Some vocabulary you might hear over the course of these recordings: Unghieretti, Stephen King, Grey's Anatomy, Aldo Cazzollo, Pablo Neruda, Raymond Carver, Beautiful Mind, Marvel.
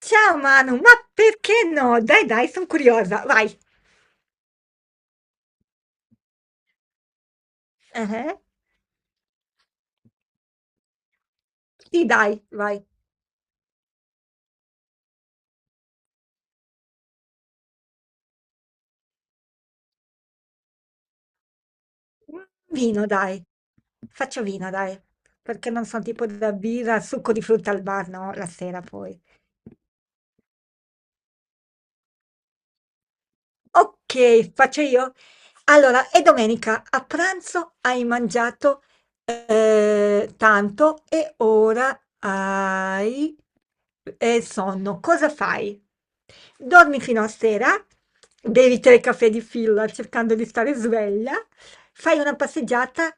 Ciao Manu, ma perché no? Dai, dai, sono curiosa. Vai. Eh, Sì, dai, vai. Un vino, dai. Faccio vino, dai. Perché non sono tipo da birra, succo di frutta al bar, no? La sera poi. Ok, faccio io? Allora, e domenica a pranzo hai mangiato, tanto e ora hai, sonno. Cosa fai? Dormi fino a sera, bevi 3 caffè di fila cercando di stare sveglia, fai una passeggiata,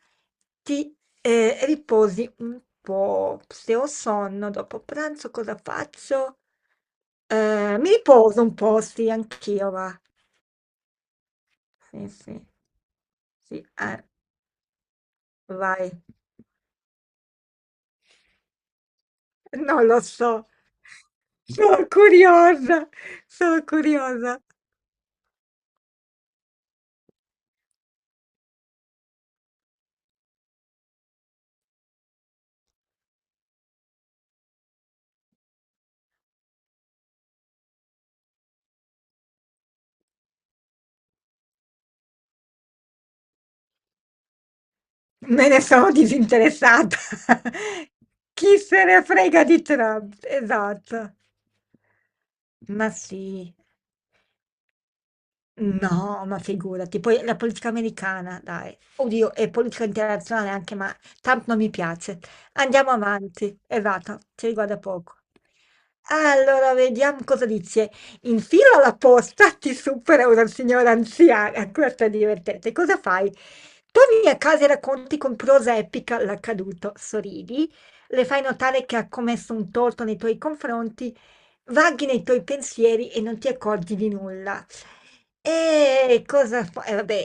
ti, riposi un po'. Se ho sonno dopo pranzo cosa faccio? Mi riposo un po', sì, anch'io va. Sì, sì. Sì, eh. Vai. Non lo so. Sono curiosa, sono curiosa. Me ne sono disinteressata. Chi se ne frega di Trump? Esatto. Ma sì. No, ma figurati, poi la politica americana, dai, oddio, e politica internazionale anche, ma Trump non mi piace. Andiamo avanti, errata, ci riguarda poco. Allora, vediamo cosa dice. In fila alla posta ti supera una signora anziana, questa è divertente. Cosa fai? Torni a casa e racconti con prosa epica l'accaduto, sorridi, le fai notare che ha commesso un torto nei tuoi confronti. Vaghi nei tuoi pensieri e non ti accorgi di nulla. E cosa fa? Vabbè,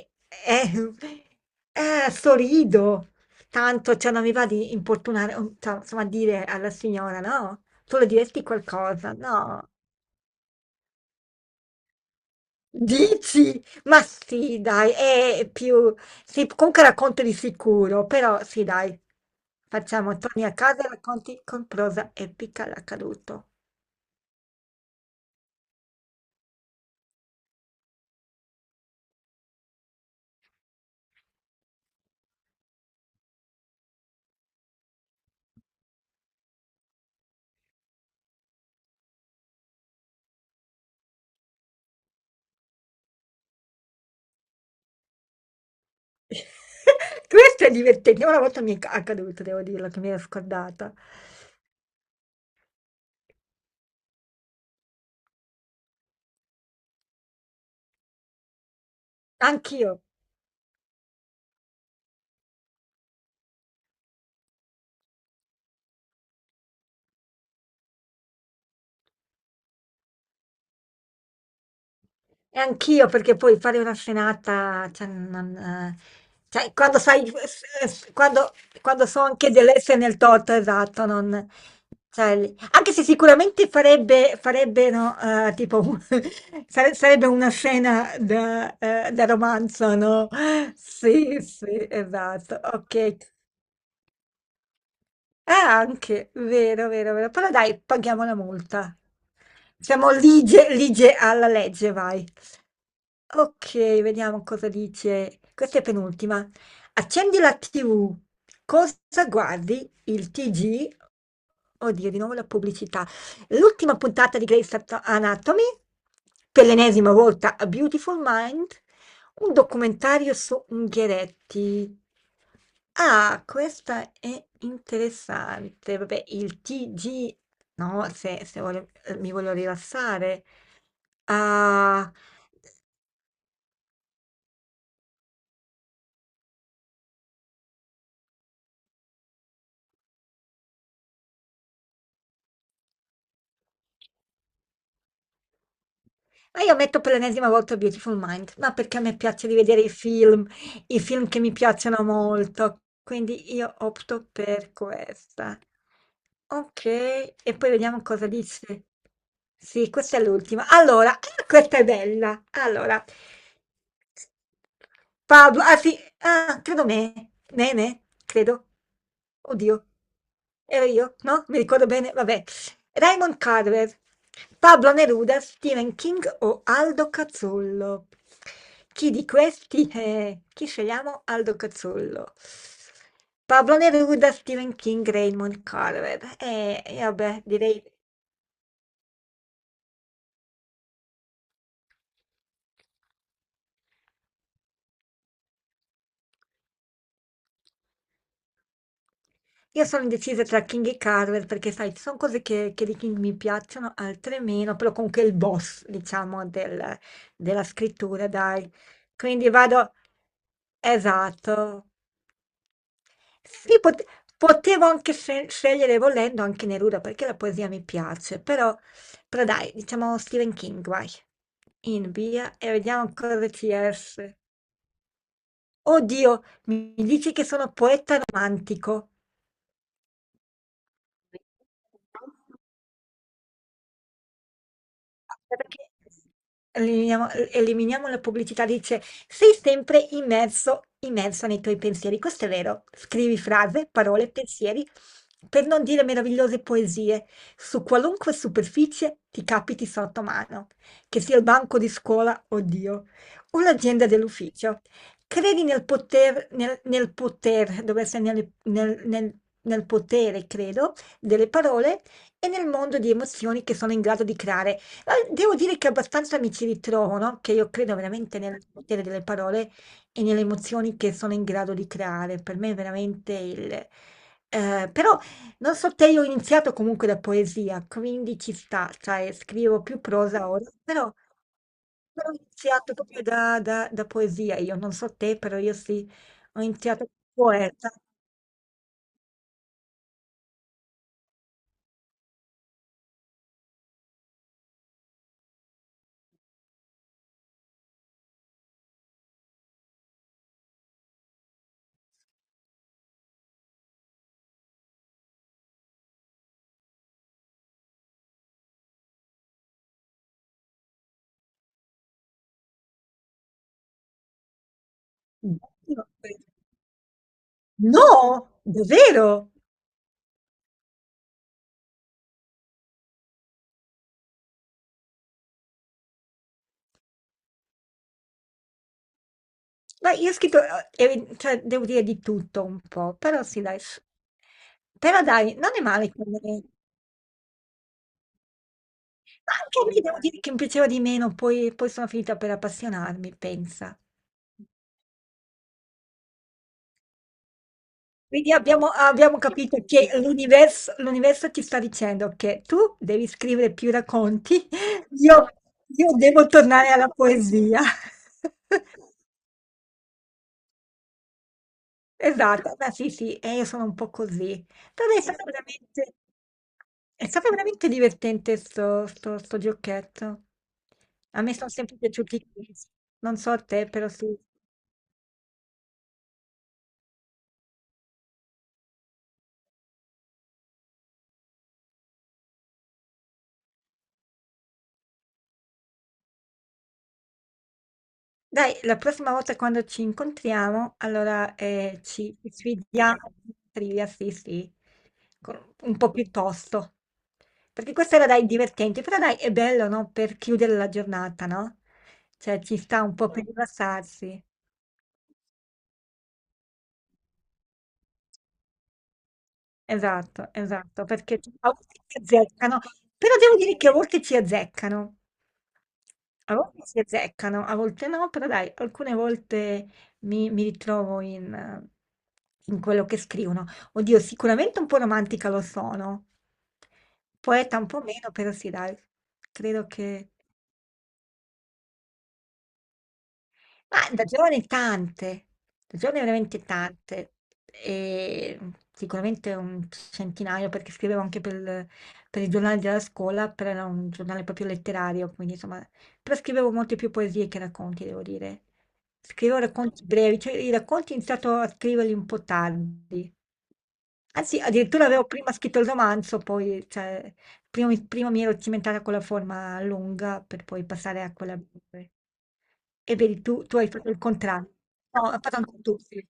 eh, sorrido. Tanto, cioè, non mi va di importunare, cioè, insomma, dire alla signora, no? Tu le diresti qualcosa? No. Dici? Ma sì, dai, è più. Sì, comunque racconto di sicuro, però sì, dai. Facciamo, torni a casa e racconti con prosa epica l'accaduto. Questo è divertente. Una volta mi è accaduto, devo dirlo, che mi ero scordata. Anch'io, e anch'io, perché poi fare una scenata, cioè, non, cioè, quando sai, quando so anche dell'essere nel torto, esatto, non, cioè, anche se sicuramente farebbe, no, tipo, sarebbe una scena da, da romanzo, no? Sì, sì, esatto, ok. Anche, vero, vero, vero. Però dai, paghiamo la multa. Siamo lige, lige alla legge, vai. Ok, vediamo cosa dice. Questa è penultima. Accendi la TV. Cosa guardi? Il TG? Oddio, di nuovo la pubblicità. L'ultima puntata di Grey's Anatomy, per l'ennesima volta a Beautiful Mind, un documentario su Unghieretti. Ah, questa è interessante. Vabbè, il TG, no, se mi voglio rilassare. Ah. Ma io metto per l'ennesima volta Beautiful Mind, ma perché a me piace rivedere i film che mi piacciono molto, quindi io opto per questa. Ok, e poi vediamo cosa dice. Sì, questa è l'ultima. Allora, ah, questa è bella. Allora, Pablo, ah sì, ah, credo me, credo. Oddio, ero io, no? Mi ricordo bene, vabbè. Raymond Carver, Pablo Neruda, Stephen King o Aldo Cazzollo? Chi di questi è? Chi scegliamo? Aldo Cazzollo. Pablo Neruda, Stephen King, Raymond Carver. E vabbè, direi. Io sono indecisa tra King e Carver perché, sai, ci sono cose che, di King mi piacciono, altre meno, però comunque è il boss, diciamo, della scrittura, dai. Quindi vado. Esatto. Sì, potevo anche scegliere volendo anche Neruda perché la poesia mi piace, però dai, diciamo Stephen King, vai, in via e vediamo cosa ci esce. Oddio, mi dici che sono poeta romantico. Perché eliminiamo, eliminiamo la pubblicità, dice, sei sempre immerso, immerso nei tuoi pensieri. Questo è vero. Scrivi frase, parole, pensieri, per non dire meravigliose poesie. Su qualunque superficie ti capiti sotto mano, che sia il banco di scuola, oddio, o l'agenda dell'ufficio. Credi nel poter, dovrebbe essere nel potere, credo, delle parole e nel mondo di emozioni che sono in grado di creare. Devo dire che abbastanza mi ci ritrovo, no? Che io credo veramente nel potere delle parole e nelle emozioni che sono in grado di creare. Per me è veramente il. Però, non so, te, io ho iniziato comunque da poesia, quindi ci sta, cioè scrivo più prosa ora, però, ho iniziato proprio da, da poesia. Io non so te, però io sì, ho iniziato come poeta. No, davvero? Dai, io ho scritto, cioè, devo dire di tutto un po', però sì, dai. Però dai, non è male come. Ma anche a me devo dire che mi piaceva di meno, poi, sono finita per appassionarmi, pensa. Quindi abbiamo capito che l'universo ti sta dicendo che tu devi scrivere più racconti, io, io devo tornare alla poesia. Esatto, beh sì, sì, e io sono un po' così. Però è stato veramente divertente sto giocchetto. A me sono sempre piaciuti i quiz. Non so a te, però sì. Dai, la prossima volta quando ci incontriamo, allora ci sfidiamo in trivia, sì, sì, un po' più tosto. Perché questo era, dai, divertente, però dai, è bello, no? Per chiudere la giornata, no? Cioè, ci sta un po' per rilassarsi. Esatto, esatto, perché a volte ci azzeccano, però devo dire che a volte ci azzeccano. A volte si azzeccano, a volte no, però dai, alcune volte mi ritrovo in quello che scrivono. Oddio, sicuramente un po' romantica lo sono, poeta un po' meno, però sì, dai, credo che. Ma da giovane tante, da giovane veramente tante, e sicuramente un centinaio perché scrivevo anche per il giornale della scuola, però era un giornale proprio letterario, quindi insomma, però scrivevo molte più poesie che racconti, devo dire. Scrivevo racconti brevi, cioè i racconti ho iniziato a scriverli un po' tardi. Anzi, addirittura avevo prima scritto il romanzo, poi cioè, Prima mi ero cimentata con la forma lunga per poi passare a quella breve. E vedi, tu hai fatto il contrario. No, ha fatto anche tu, sì.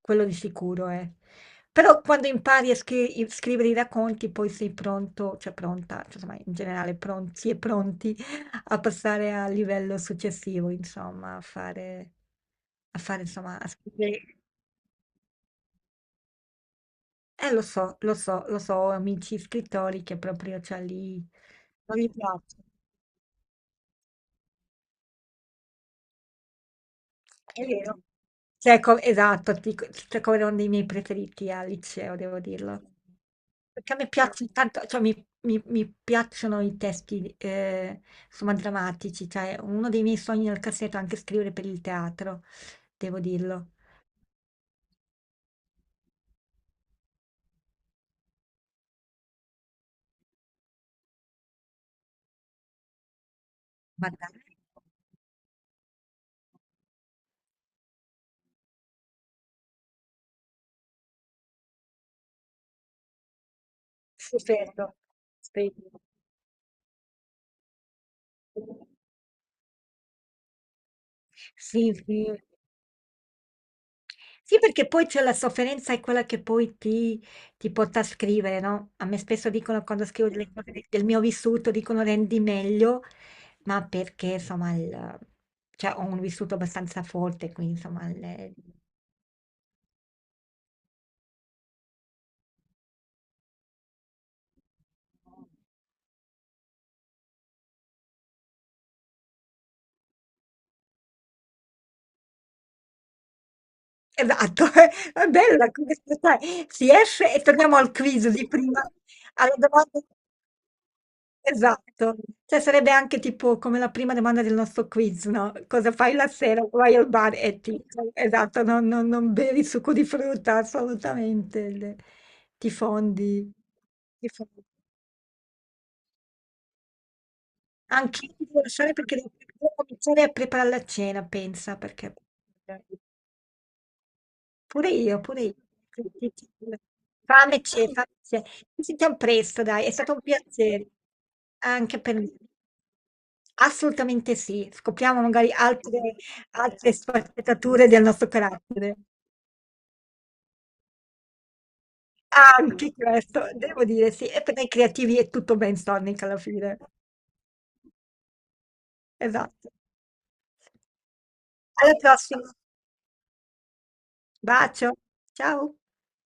Quello di sicuro, eh. Però quando impari a scrivere i racconti, poi sei pronto, cioè pronta, cioè, insomma, in generale pronti e pronti a passare al livello successivo, insomma, a fare, insomma, a scrivere. Lo so, lo so, lo so, ho amici scrittori che proprio, cioè, lì non gli piace. È vero. Cioè, esatto, cioè, come uno dei miei preferiti al liceo, devo dirlo. Perché a me piacciono tanto, cioè, mi piacciono i testi, insomma, drammatici. Cioè, uno dei miei sogni nel cassetto è anche scrivere per il teatro, devo dirlo. Ma dai, stupendo. Stupendo. Sì, sì. Sì. Sì, perché poi c'è la sofferenza è quella che poi ti porta a scrivere, no? A me spesso dicono quando scrivo delle cose del mio vissuto, dicono rendi meglio, ma perché insomma cioè, ho un vissuto abbastanza forte, quindi insomma. Esatto, è bella come sai. Si esce e torniamo al quiz di prima, alla domanda. Esatto, cioè sarebbe anche tipo come la prima domanda del nostro quiz, no? Cosa fai la sera? Vai al bar e ti. Esatto, non, non bevi succo di frutta, assolutamente. Ti fondi. Ti fondi. Anche io devo lasciare perché devo cominciare a preparare la cena, pensa, perché. Pure io, pure io. Fame c'è, fame c'è. Ci sentiamo presto, dai, è stato un piacere. Anche per me. Assolutamente sì, scopriamo magari altre sfaccettature del nostro carattere. Anche questo, devo dire sì, e per noi creativi è tutto brainstorming alla fine. Esatto. Alla prossima. Bacio. Ciao.